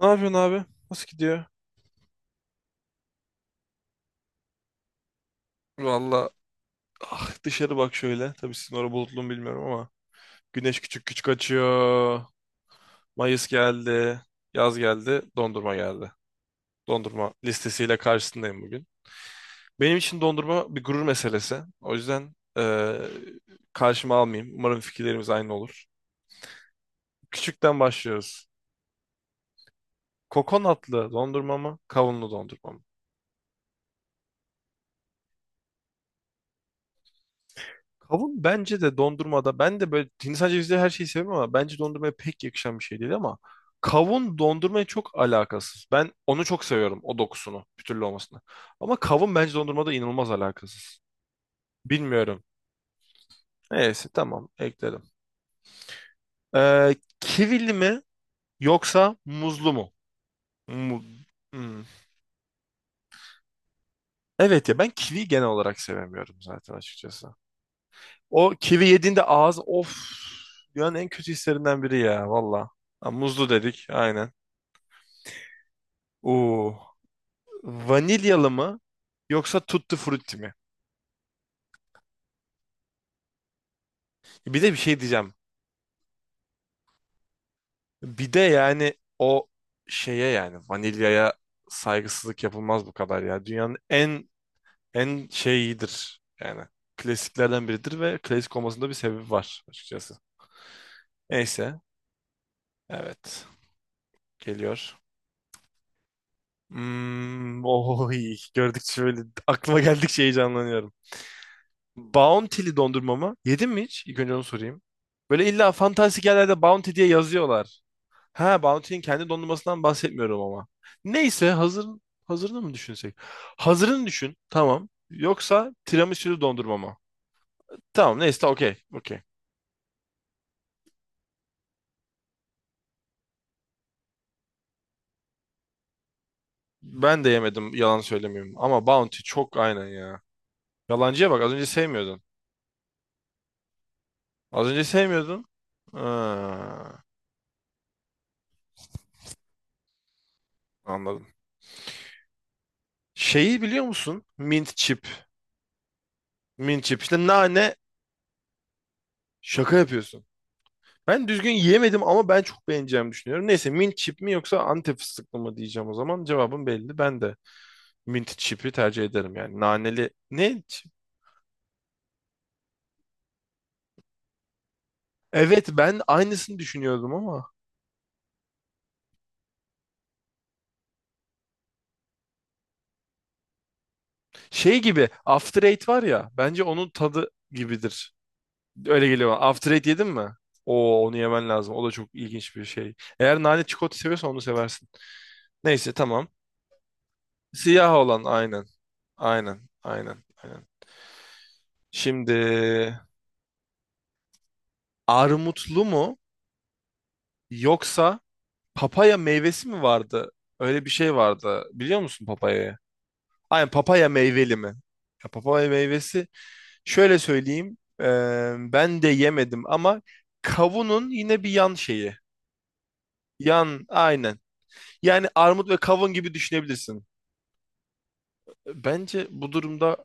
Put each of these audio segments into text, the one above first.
Ne yapıyorsun abi? Nasıl gidiyor? Valla dışarı bak şöyle. Tabii sizin orada bulutlu mu bilmiyorum ama. Güneş küçük küçük açıyor. Mayıs geldi. Yaz geldi. Dondurma geldi. Dondurma listesiyle karşısındayım bugün. Benim için dondurma bir gurur meselesi. O yüzden karşıma almayayım. Umarım fikirlerimiz aynı olur. Küçükten başlıyoruz. Kokonatlı dondurma mı? Kavunlu dondurma mı? Kavun bence de dondurmada, ben de böyle hindistan cevizi her şeyi severim ama bence dondurmaya pek yakışan bir şey değil ama kavun dondurmaya çok alakasız. Ben onu çok seviyorum, o dokusunu bir olmasını. Ama kavun bence dondurmada inanılmaz alakasız. Bilmiyorum. Neyse tamam, ekledim. Kivili mi yoksa muzlu mu? Mu- Hmm. Evet ya, ben kivi genel olarak sevemiyorum zaten açıkçası. O kivi yediğinde ağız, of, dünyanın en kötü hislerinden biri ya valla. Ha, muzlu dedik aynen. Oo. Vanilyalı mı yoksa tutti frutti mi? Bir de bir şey diyeceğim. Bir de yani o şeye, yani vanilyaya saygısızlık yapılmaz bu kadar ya. Dünyanın en en şeyidir yani. Klasiklerden biridir ve klasik olmasında bir sebebi var açıkçası. Neyse. Evet. Geliyor. Oy, gördükçe böyle aklıma geldikçe heyecanlanıyorum. Bounty'li dondurma mı? Yedin mi hiç? İlk önce onu sorayım. Böyle illa fantastik yerlerde Bounty diye yazıyorlar. Ha, Bounty'nin kendi dondurmasından bahsetmiyorum ama. Neyse hazırını mı düşünsek? Hazırını düşün. Tamam. Yoksa tiramisu dondurma mı? Tamam neyse, okey. Okey. Ben de yemedim, yalan söylemeyeyim. Ama Bounty çok, aynen ya. Yalancıya bak, az önce sevmiyordun. Az önce sevmiyordun. Ha, anladım. Şeyi biliyor musun? Mint chip. Mint chip. İşte, nane. Şaka yapıyorsun. Ben düzgün yiyemedim ama ben çok beğeneceğimi düşünüyorum. Neyse, mint chip mi yoksa Antep fıstıklı mı diyeceğim o zaman. Cevabım belli. Ben de mint chip'i tercih ederim yani. Naneli ne? Chip? Evet, ben aynısını düşünüyordum ama. Şey gibi After Eight var ya. Bence onun tadı gibidir. Öyle geliyor bana. After Eight yedin mi? Oo, onu yemen lazım. O da çok ilginç bir şey. Eğer nane çikolata seviyorsan onu seversin. Neyse, tamam. Siyah olan aynen. Aynen. Aynen. Aynen. Şimdi, armutlu mu? Yoksa papaya meyvesi mi vardı? Öyle bir şey vardı. Biliyor musun papayayı? Aynen, papaya meyveli mi? Ya, papaya meyvesi. Şöyle söyleyeyim. Ben de yemedim ama kavunun yine bir yan şeyi. Yan, aynen. Yani armut ve kavun gibi düşünebilirsin. Bence bu durumda,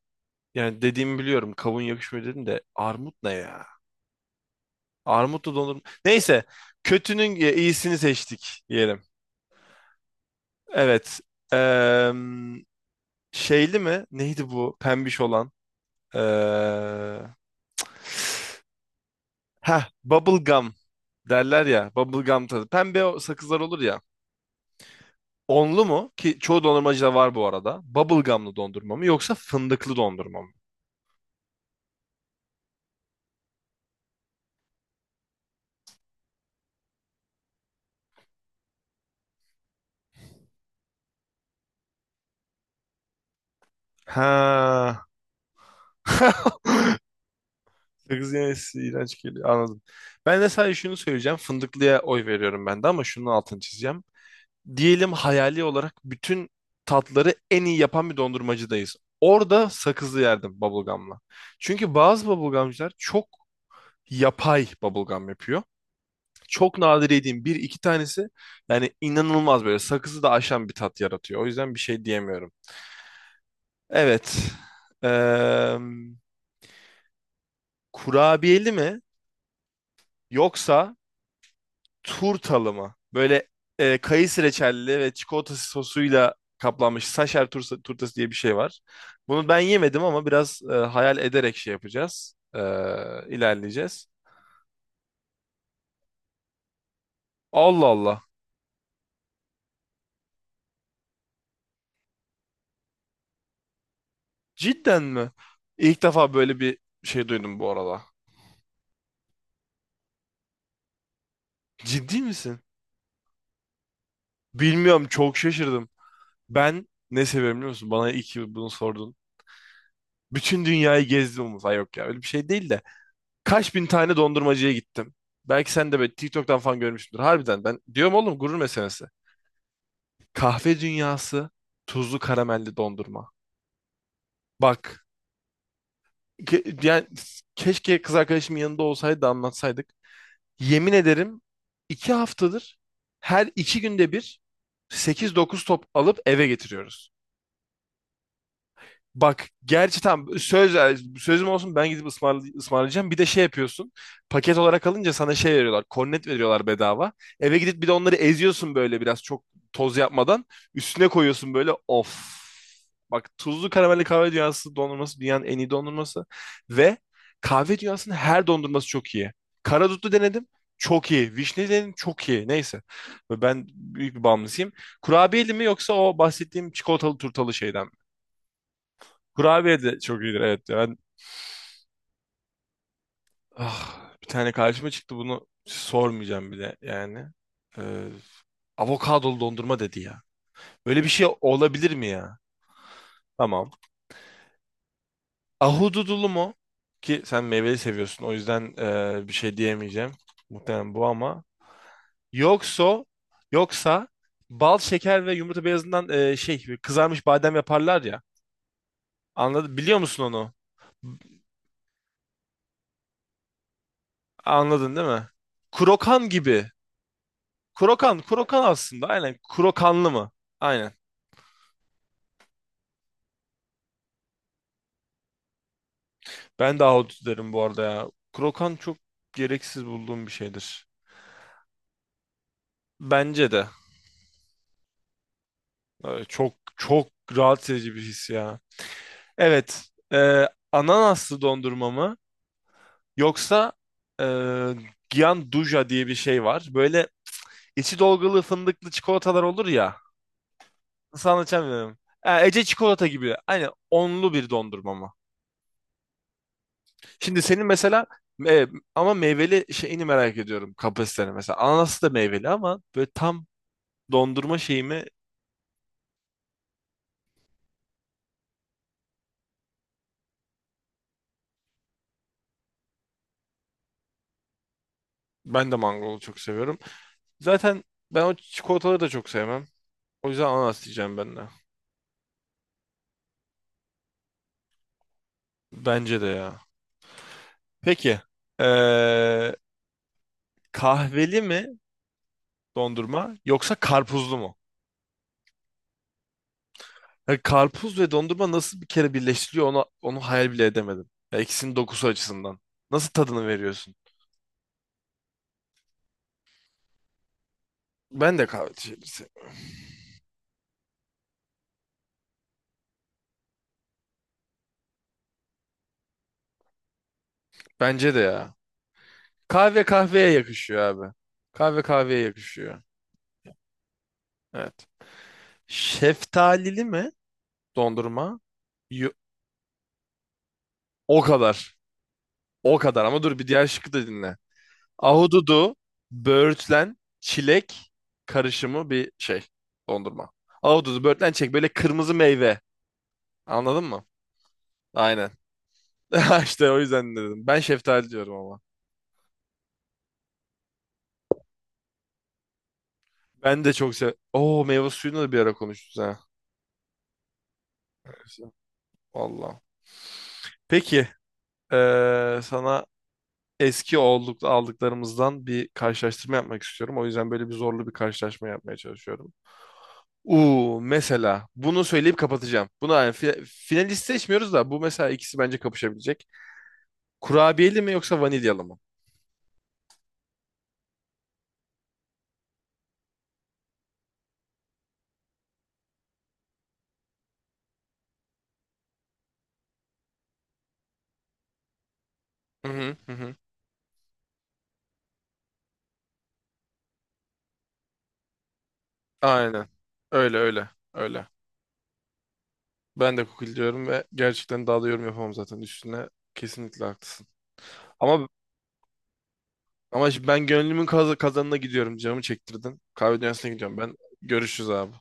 yani dediğimi biliyorum. Kavun yakışmıyor dedim de armut ne ya? Armutlu dondurma. Neyse. Kötünün iyisini seçtik diyelim. Evet. Eee Şeyli mi? Neydi bu pembiş olan? Ee, bubble gum derler ya. Bubble gum tadı. Pembe o sakızlar olur ya. Onlu mu? Ki çoğu dondurmacıda var bu arada. Bubble gumlı dondurma mı yoksa fındıklı dondurma mı? Ha. Sakız yemesi iğrenç geliyor. Anladım. Ben de sadece şunu söyleyeceğim. Fındıklıya oy veriyorum ben de, ama şunun altını çizeceğim. Diyelim hayali olarak bütün tatları en iyi yapan bir dondurmacıdayız. Orada sakızlı yerdim bubblegum'la. Çünkü bazı bubblegum'cılar çok yapay bubblegum yapıyor. Çok nadir yediğim bir iki tanesi yani inanılmaz böyle sakızı da aşan bir tat yaratıyor. O yüzden bir şey diyemiyorum. Evet. Eee kurabiyeli mi yoksa turtalı mı? Böyle kayısı reçelli ve çikolata sosuyla kaplanmış saşer turtası diye bir şey var. Bunu ben yemedim ama biraz hayal ederek şey yapacağız. İlerleyeceğiz. Allah Allah. Cidden mi? İlk defa böyle bir şey duydum bu arada. Ciddi misin? Bilmiyorum, çok şaşırdım. Ben ne seviyorum biliyor musun? Bana iyi ki bunu sordun. Bütün dünyayı gezdim. Ay yok ya, öyle bir şey değil de. Kaç bin tane dondurmacıya gittim. Belki sen de böyle TikTok'tan falan görmüşsündür. Harbiden ben diyorum oğlum, gurur meselesi. Kahve dünyası tuzlu karamelli dondurma. Bak yani keşke kız arkadaşımın yanında olsaydı da anlatsaydık. Yemin ederim, 2 haftadır her 2 günde bir 8-9 top alıp eve getiriyoruz. Bak gerçi tam sözüm olsun, ben gidip ısmarlayacağım. Bir de şey yapıyorsun. Paket olarak alınca sana şey veriyorlar. Kornet veriyorlar bedava. Eve gidip bir de onları eziyorsun böyle biraz, çok toz yapmadan. Üstüne koyuyorsun böyle, of. Bak, tuzlu karamelli kahve dünyası dondurması dünyanın en iyi dondurması. Ve kahve dünyasının her dondurması çok iyi. Karadutlu denedim. Çok iyi. Vişne denedim. Çok iyi. Neyse. Ben büyük bir bağımlısıyım. Kurabiyeli mi yoksa o bahsettiğim çikolatalı turtalı şeyden? Kurabiye de çok iyidir, evet. Ben bir tane karşıma çıktı bunu sormayacağım bile yani. Ee, avokadolu dondurma dedi ya. Böyle bir şey olabilir mi ya? Tamam. Ahududulu mu? Ki sen meyveli seviyorsun, o yüzden bir şey diyemeyeceğim. Muhtemelen bu ama. Yoksa yoksa bal, şeker ve yumurta beyazından şey kızarmış badem yaparlar ya. Anladın biliyor musun onu? Anladın değil mi? Krokan gibi. Krokan, krokan aslında. Aynen. Krokanlı mı? Aynen. Ben de ahudut derim bu arada ya. Krokan çok gereksiz bulduğum bir şeydir. Bence de. Çok çok rahatsız edici bir his ya. Evet. Ananaslı dondurma mı? Yoksa e, Gianduja diye bir şey var. Böyle içi dolgulu fındıklı çikolatalar olur ya. Nasıl anlatacağım bilmiyorum. Ha, Ece çikolata gibi. Aynen, onlu bir dondurma mı? Şimdi senin mesela e, ama meyveli şeyini merak ediyorum, kapasiteni mesela. Ananas da meyveli ama böyle tam dondurma şeyimi. Ben de mangolu çok seviyorum. Zaten ben o çikolataları da çok sevmem. O yüzden ananas diyeceğim ben de. Bence de ya. Peki. e, kahveli mi dondurma yoksa karpuzlu mu? Ya karpuz ve dondurma nasıl bir kere birleştiriliyor onu hayal bile edemedim. Ya ikisinin dokusu açısından. Nasıl tadını veriyorsun? Ben de kahve şeyleri seviyorum. Bence de ya. Kahve kahveye yakışıyor abi. Kahve kahveye yakışıyor. Evet. Şeftalili mi dondurma? Yo- o kadar. O kadar, ama dur bir diğer şıkkı da dinle. Ahududu, böğürtlen, çilek karışımı bir şey dondurma. Ahududu, böğürtlen, çilek, böyle kırmızı meyve. Anladın mı? Aynen. İşte o yüzden dedim. Ben şeftali diyorum ama. Ben de çok sev. Oo, meyve suyunu da bir ara konuştuk ha. Vallahi. Peki. Sana eski olduk, aldıklarımızdan bir karşılaştırma yapmak istiyorum. O yüzden böyle bir zorlu bir karşılaşma yapmaya çalışıyorum. Mesela bunu söyleyip kapatacağım. Buna yani finalist seçmiyoruz da bu mesela ikisi bence kapışabilecek. Kurabiyeli mi yoksa vanilyalı mı? Hı hı hı. Hı. Aynen. Öyle öyle. Öyle. Ben de kukil diyorum ve gerçekten daha da yorum yapamam zaten üstüne. Kesinlikle haklısın. Ama ama şimdi ben gönlümün kazanına gidiyorum. Canımı çektirdin. Kahve dünyasına gidiyorum ben. Görüşürüz abi.